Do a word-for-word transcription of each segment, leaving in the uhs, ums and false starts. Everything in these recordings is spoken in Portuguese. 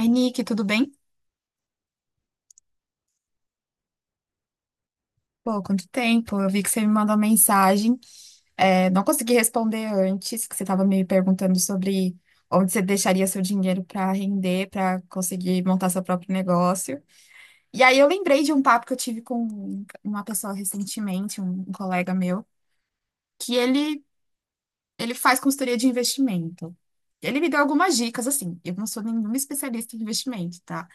Oi, Nick, tudo bem? Pô, quanto tempo? Eu vi que você me mandou mensagem. É, não consegui responder antes, que você estava me perguntando sobre onde você deixaria seu dinheiro para render, para conseguir montar seu próprio negócio. E aí eu lembrei de um papo que eu tive com uma pessoa recentemente, um, um colega meu, que ele, ele faz consultoria de investimento. Ele me deu algumas dicas, assim. Eu não sou nenhuma especialista em investimento, tá?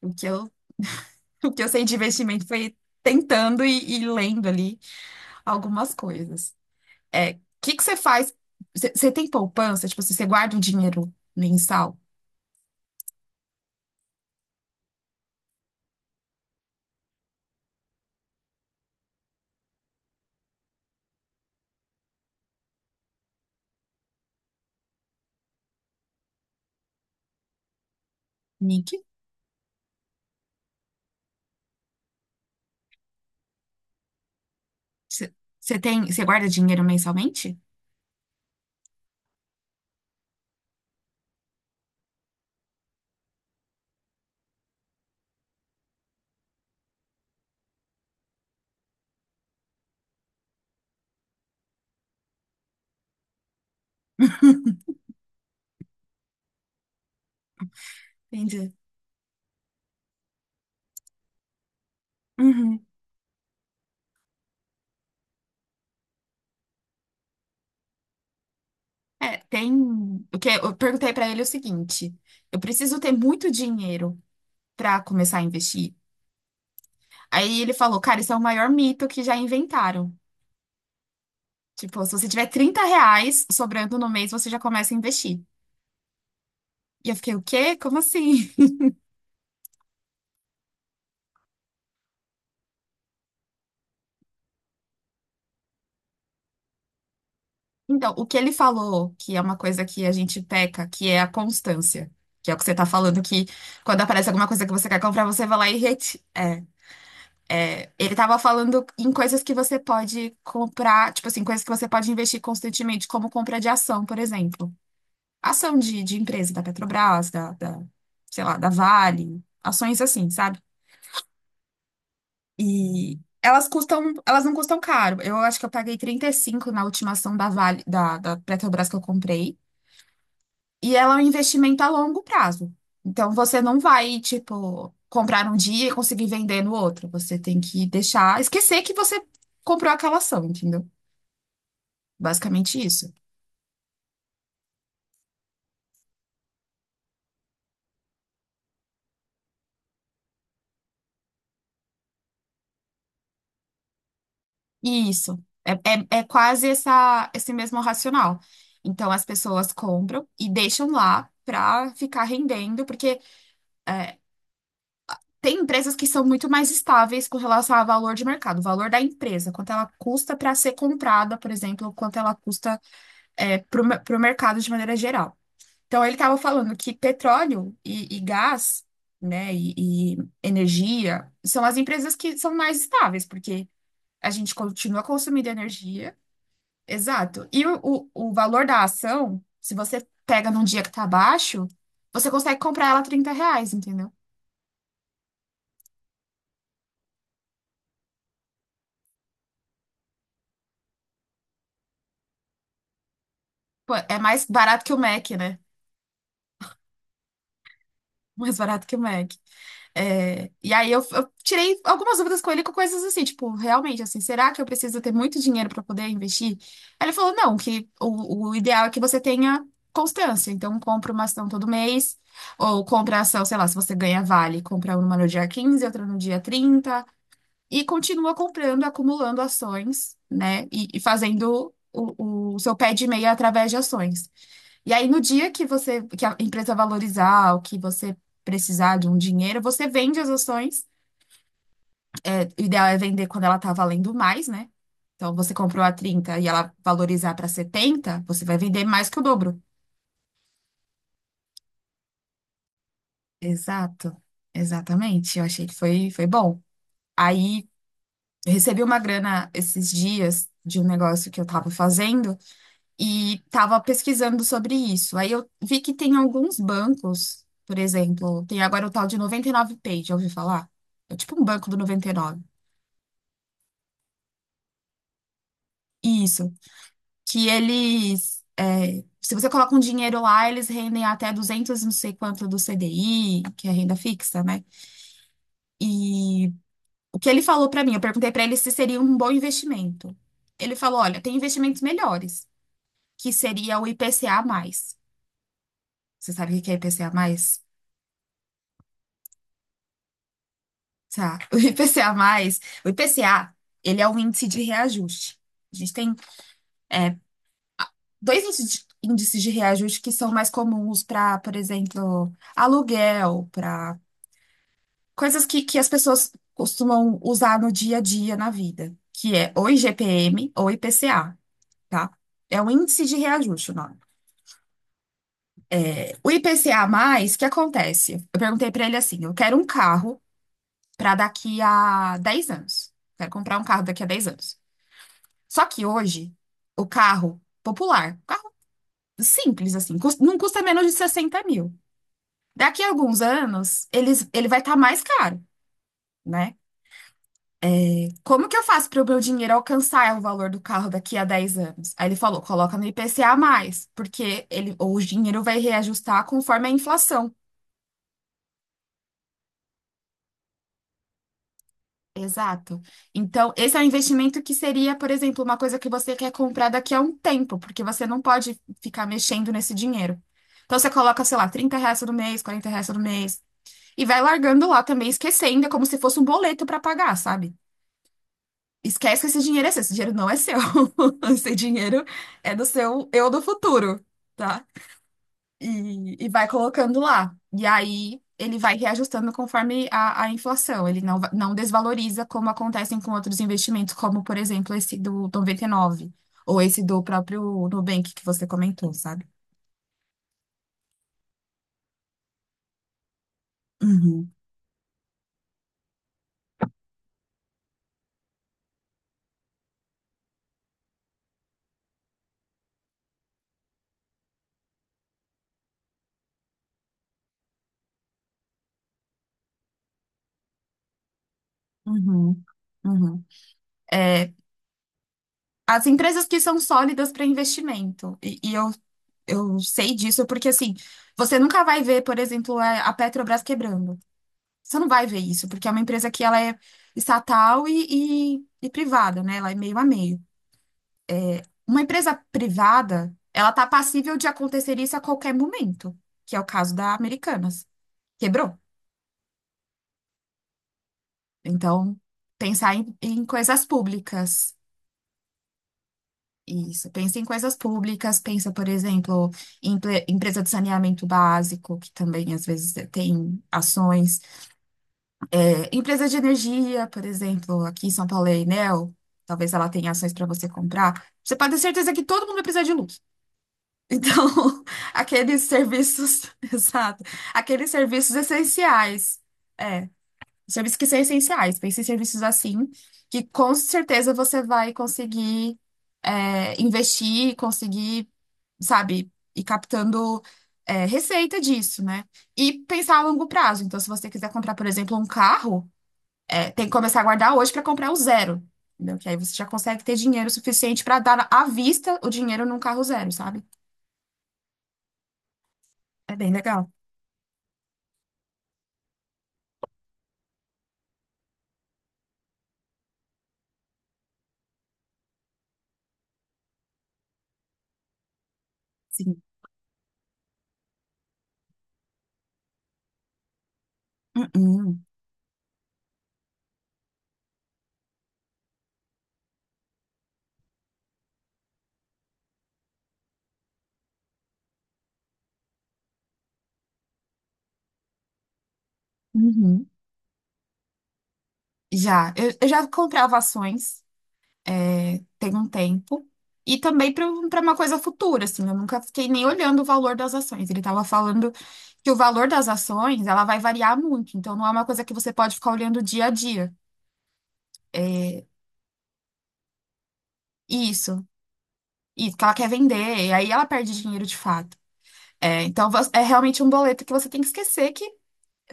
O que eu O que eu sei de investimento foi tentando e, e lendo ali algumas coisas. É, o que que você faz? Você você tem poupança? Tipo, assim, você guarda um dinheiro mensal? Nick? Você você tem, você guarda dinheiro mensalmente? Entendi. Uhum. É, tem. O que eu perguntei pra ele é o seguinte: eu preciso ter muito dinheiro pra começar a investir. Aí ele falou, cara, isso é o maior mito que já inventaram. Tipo, se você tiver trinta reais sobrando no mês, você já começa a investir. E eu fiquei, o quê? Como assim? Então, o que ele falou, que é uma coisa que a gente peca, que é a constância. Que é o que você tá falando, que quando aparece alguma coisa que você quer comprar, você vai lá e reti- é, é. Ele tava falando em coisas que você pode comprar, tipo assim, coisas que você pode investir constantemente, como compra de ação, por exemplo. Ação de, de empresa da Petrobras, da, da, sei lá, da Vale, ações assim, sabe? E elas custam, elas não custam caro. Eu acho que eu paguei trinta e cinco na última ação da Vale, da, da Petrobras que eu comprei, e ela é um investimento a longo prazo. Então você não vai, tipo, comprar um dia e conseguir vender no outro. Você tem que deixar, esquecer que você comprou aquela ação, entendeu? Basicamente isso. Isso. É, é, é quase essa, esse mesmo racional. Então, as pessoas compram e deixam lá para ficar rendendo, porque tem empresas que são muito mais estáveis com relação ao valor de mercado, o valor da empresa, quanto ela custa para ser comprada, por exemplo, quanto ela custa para o mercado de maneira geral. Então, ele estava falando que petróleo e, e gás, né, e, e energia são as empresas que são mais estáveis, porque a gente continua consumindo energia. Exato. E o, o, o valor da ação, se você pega num dia que tá baixo, você consegue comprar ela a trinta reais, entendeu? Pô, é mais barato que o Mac, né? Mais barato que o Mac. É, e aí eu, eu tirei algumas dúvidas com ele com coisas assim, tipo, realmente, assim, será que eu preciso ter muito dinheiro para poder investir? Aí ele falou, não, que o, o ideal é que você tenha constância. Então, compra uma ação todo mês, ou compra ação, sei lá, se você ganha Vale, compra uma no dia quinze outra no dia trinta e continua comprando, acumulando ações, né? E, e fazendo o, o seu pé de meia através de ações. E aí, no dia que você, que a empresa valorizar ou que você precisar de um dinheiro, você vende as ações. O ideal é vender quando ela está valendo mais, né? Então, você comprou a trinta e ela valorizar para setenta você vai vender mais que o dobro. Exato, exatamente. Eu achei que foi, foi bom. Aí, eu recebi uma grana esses dias de um negócio que eu estava fazendo. E estava pesquisando sobre isso. Aí eu vi que tem alguns bancos, por exemplo, tem agora o tal de noventa e nove pay, já ouviu falar? É tipo um banco do noventa e nove. Isso, que eles, é, se você coloca um dinheiro lá, eles rendem até duzentos não sei quanto do C D I, que é renda fixa, né? E o que ele falou para mim, eu perguntei para ele se seria um bom investimento. Ele falou, olha, tem investimentos melhores, que seria o I P C A mais. Você sabe o que é I P C A mais? Tá. O I P C A mais, o I P C A, ele é um índice de reajuste. A gente tem é, dois índices de, índices de reajuste que são mais comuns para, por exemplo, aluguel, para coisas que, que as pessoas costumam usar no dia a dia na vida, que é ou I G P M ou I P C A, tá? É um índice de reajuste o nome. O I P C A mais, o que acontece? Eu perguntei para ele assim, eu quero um carro para daqui a dez anos. Quero comprar um carro daqui a dez anos. Só que hoje, o carro popular, um carro simples assim, cus- não custa menos de sessenta mil. Daqui a alguns anos, eles, ele vai estar mais caro, né? Como que eu faço para o meu dinheiro alcançar o valor do carro daqui a dez anos? Aí ele falou, coloca no IPCA a mais, porque ele, ou o dinheiro vai reajustar conforme a inflação. Exato. Então, esse é um investimento que seria, por exemplo, uma coisa que você quer comprar daqui a um tempo, porque você não pode ficar mexendo nesse dinheiro. Então, você coloca, sei lá, trinta reais todo mês, quarenta reais todo mês, e vai largando lá também, esquecendo, é como se fosse um boleto para pagar, sabe? Esquece que esse dinheiro é seu, esse dinheiro não é seu. Esse dinheiro é do seu eu do futuro, tá? e, e vai colocando lá. E aí ele vai reajustando conforme a, a inflação. Ele não, va- Não desvaloriza como acontecem com outros investimentos, como, por exemplo, esse do noventa e nove ou esse do próprio Nubank que você comentou, sabe? Uhum, uhum, uhum. É, as empresas que são sólidas para investimento, e, e eu, eu sei disso porque, assim, você nunca vai ver, por exemplo, a a Petrobras quebrando. Você não vai ver isso, porque é uma empresa que ela é estatal e, e- e privada, né? Ela é meio a meio. Uma empresa privada, ela tá passível de acontecer isso a qualquer momento, que é o caso da Americanas. Quebrou. Então, pensar em, em coisas públicas. Isso, pensa em coisas públicas, pensa, por exemplo, em empre- empresa de saneamento básico, que também às vezes tem ações. Empresas de energia, por exemplo, aqui em São Paulo é a Enel, talvez ela tenha ações para você comprar. Você pode ter certeza que todo mundo vai precisar de luz. Então, aqueles serviços, exato, aqueles serviços essenciais, é, serviços que são essenciais, pense em serviços assim, que com certeza você vai conseguir é, investir, conseguir, sabe, ir captando é, receita disso, né? E pensar a longo prazo. Então, se você quiser comprar, por exemplo, um carro é, tem que começar a guardar hoje para comprar o zero, entendeu? Que aí você já consegue ter dinheiro suficiente para dar à vista o dinheiro num carro zero, sabe? É bem legal. Sim. Uhum. Uhum. Já, eu, eu já comprava ações, é, tem um tempo. E também para uma coisa futura, assim, eu nunca fiquei nem olhando o valor das ações. Ele estava falando que o valor das ações, ela vai variar muito, então não é uma coisa que você pode ficar olhando dia a dia. Isso, isso, que ela quer vender, e aí ela perde dinheiro de fato. É, então vo- é realmente um boleto que você tem que esquecer que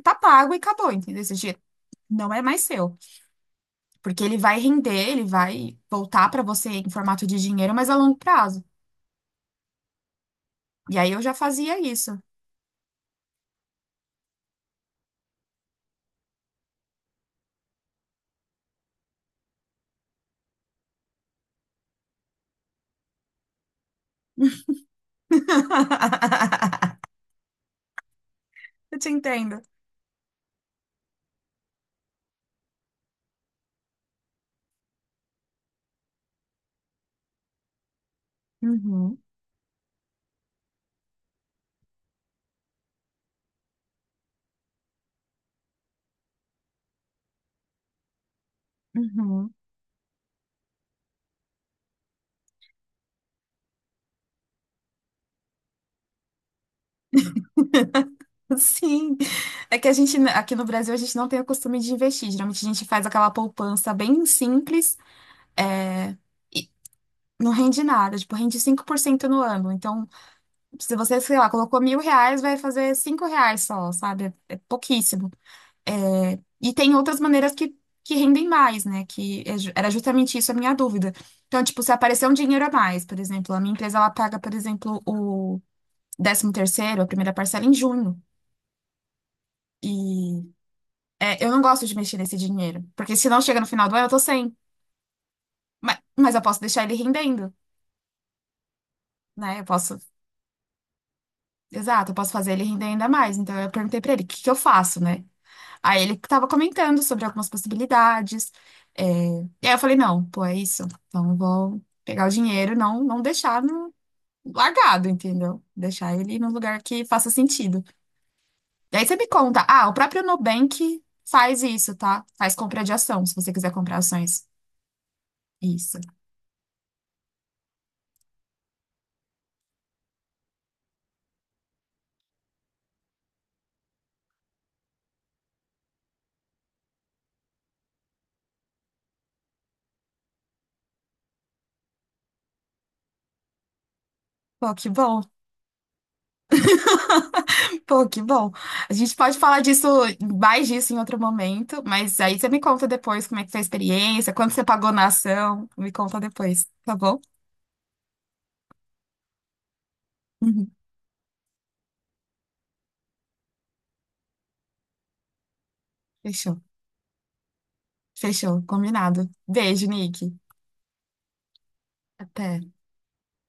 tá pago e acabou, entendeu? Esse dinheiro não é mais seu, porque ele vai render, ele vai voltar para você em formato de dinheiro, mas a longo prazo. E aí eu já fazia isso. Eu te entendo. Uhum, uhum. Sim. É que a gente, aqui no Brasil, a gente não tem o costume de investir. Geralmente a gente faz aquela poupança bem simples, é, e não rende nada, tipo, rende cinco por cento no ano. Então, se você, sei lá, colocou mil reais, vai fazer cinco reais só, sabe? É pouquíssimo. É, e tem outras maneiras que, que rendem mais, né? Que é ju- era justamente isso a minha dúvida. Então, tipo, se aparecer um dinheiro a mais, por exemplo, a minha empresa, ela paga, por exemplo, o décimo terceiro, a primeira parcela em junho. E é, eu não gosto de mexer nesse dinheiro, porque se não chega no final do ano, eu tô sem. Mas, mas eu posso deixar ele rendendo, né? Eu posso, exato, eu posso fazer ele render ainda mais. Então, eu perguntei pra ele, o que que eu faço, né? Aí ele estava comentando sobre algumas possibilidades. É, e aí eu falei, não, pô, é isso. Então eu vou pegar o dinheiro, não, não deixar no... largado, entendeu? Deixar ele num lugar que faça sentido. Daí você me conta, ah, o próprio Nubank faz isso, tá? Faz compra de ação, se você quiser comprar ações. Isso. Pô, que bom. Pô, que bom. A gente pode falar disso, mais disso em outro momento, mas aí você me conta depois como é que foi a experiência, quanto você pagou na ação, me conta depois, tá bom? Uhum. Fechou. Fechou, combinado. Beijo, Nick. Até.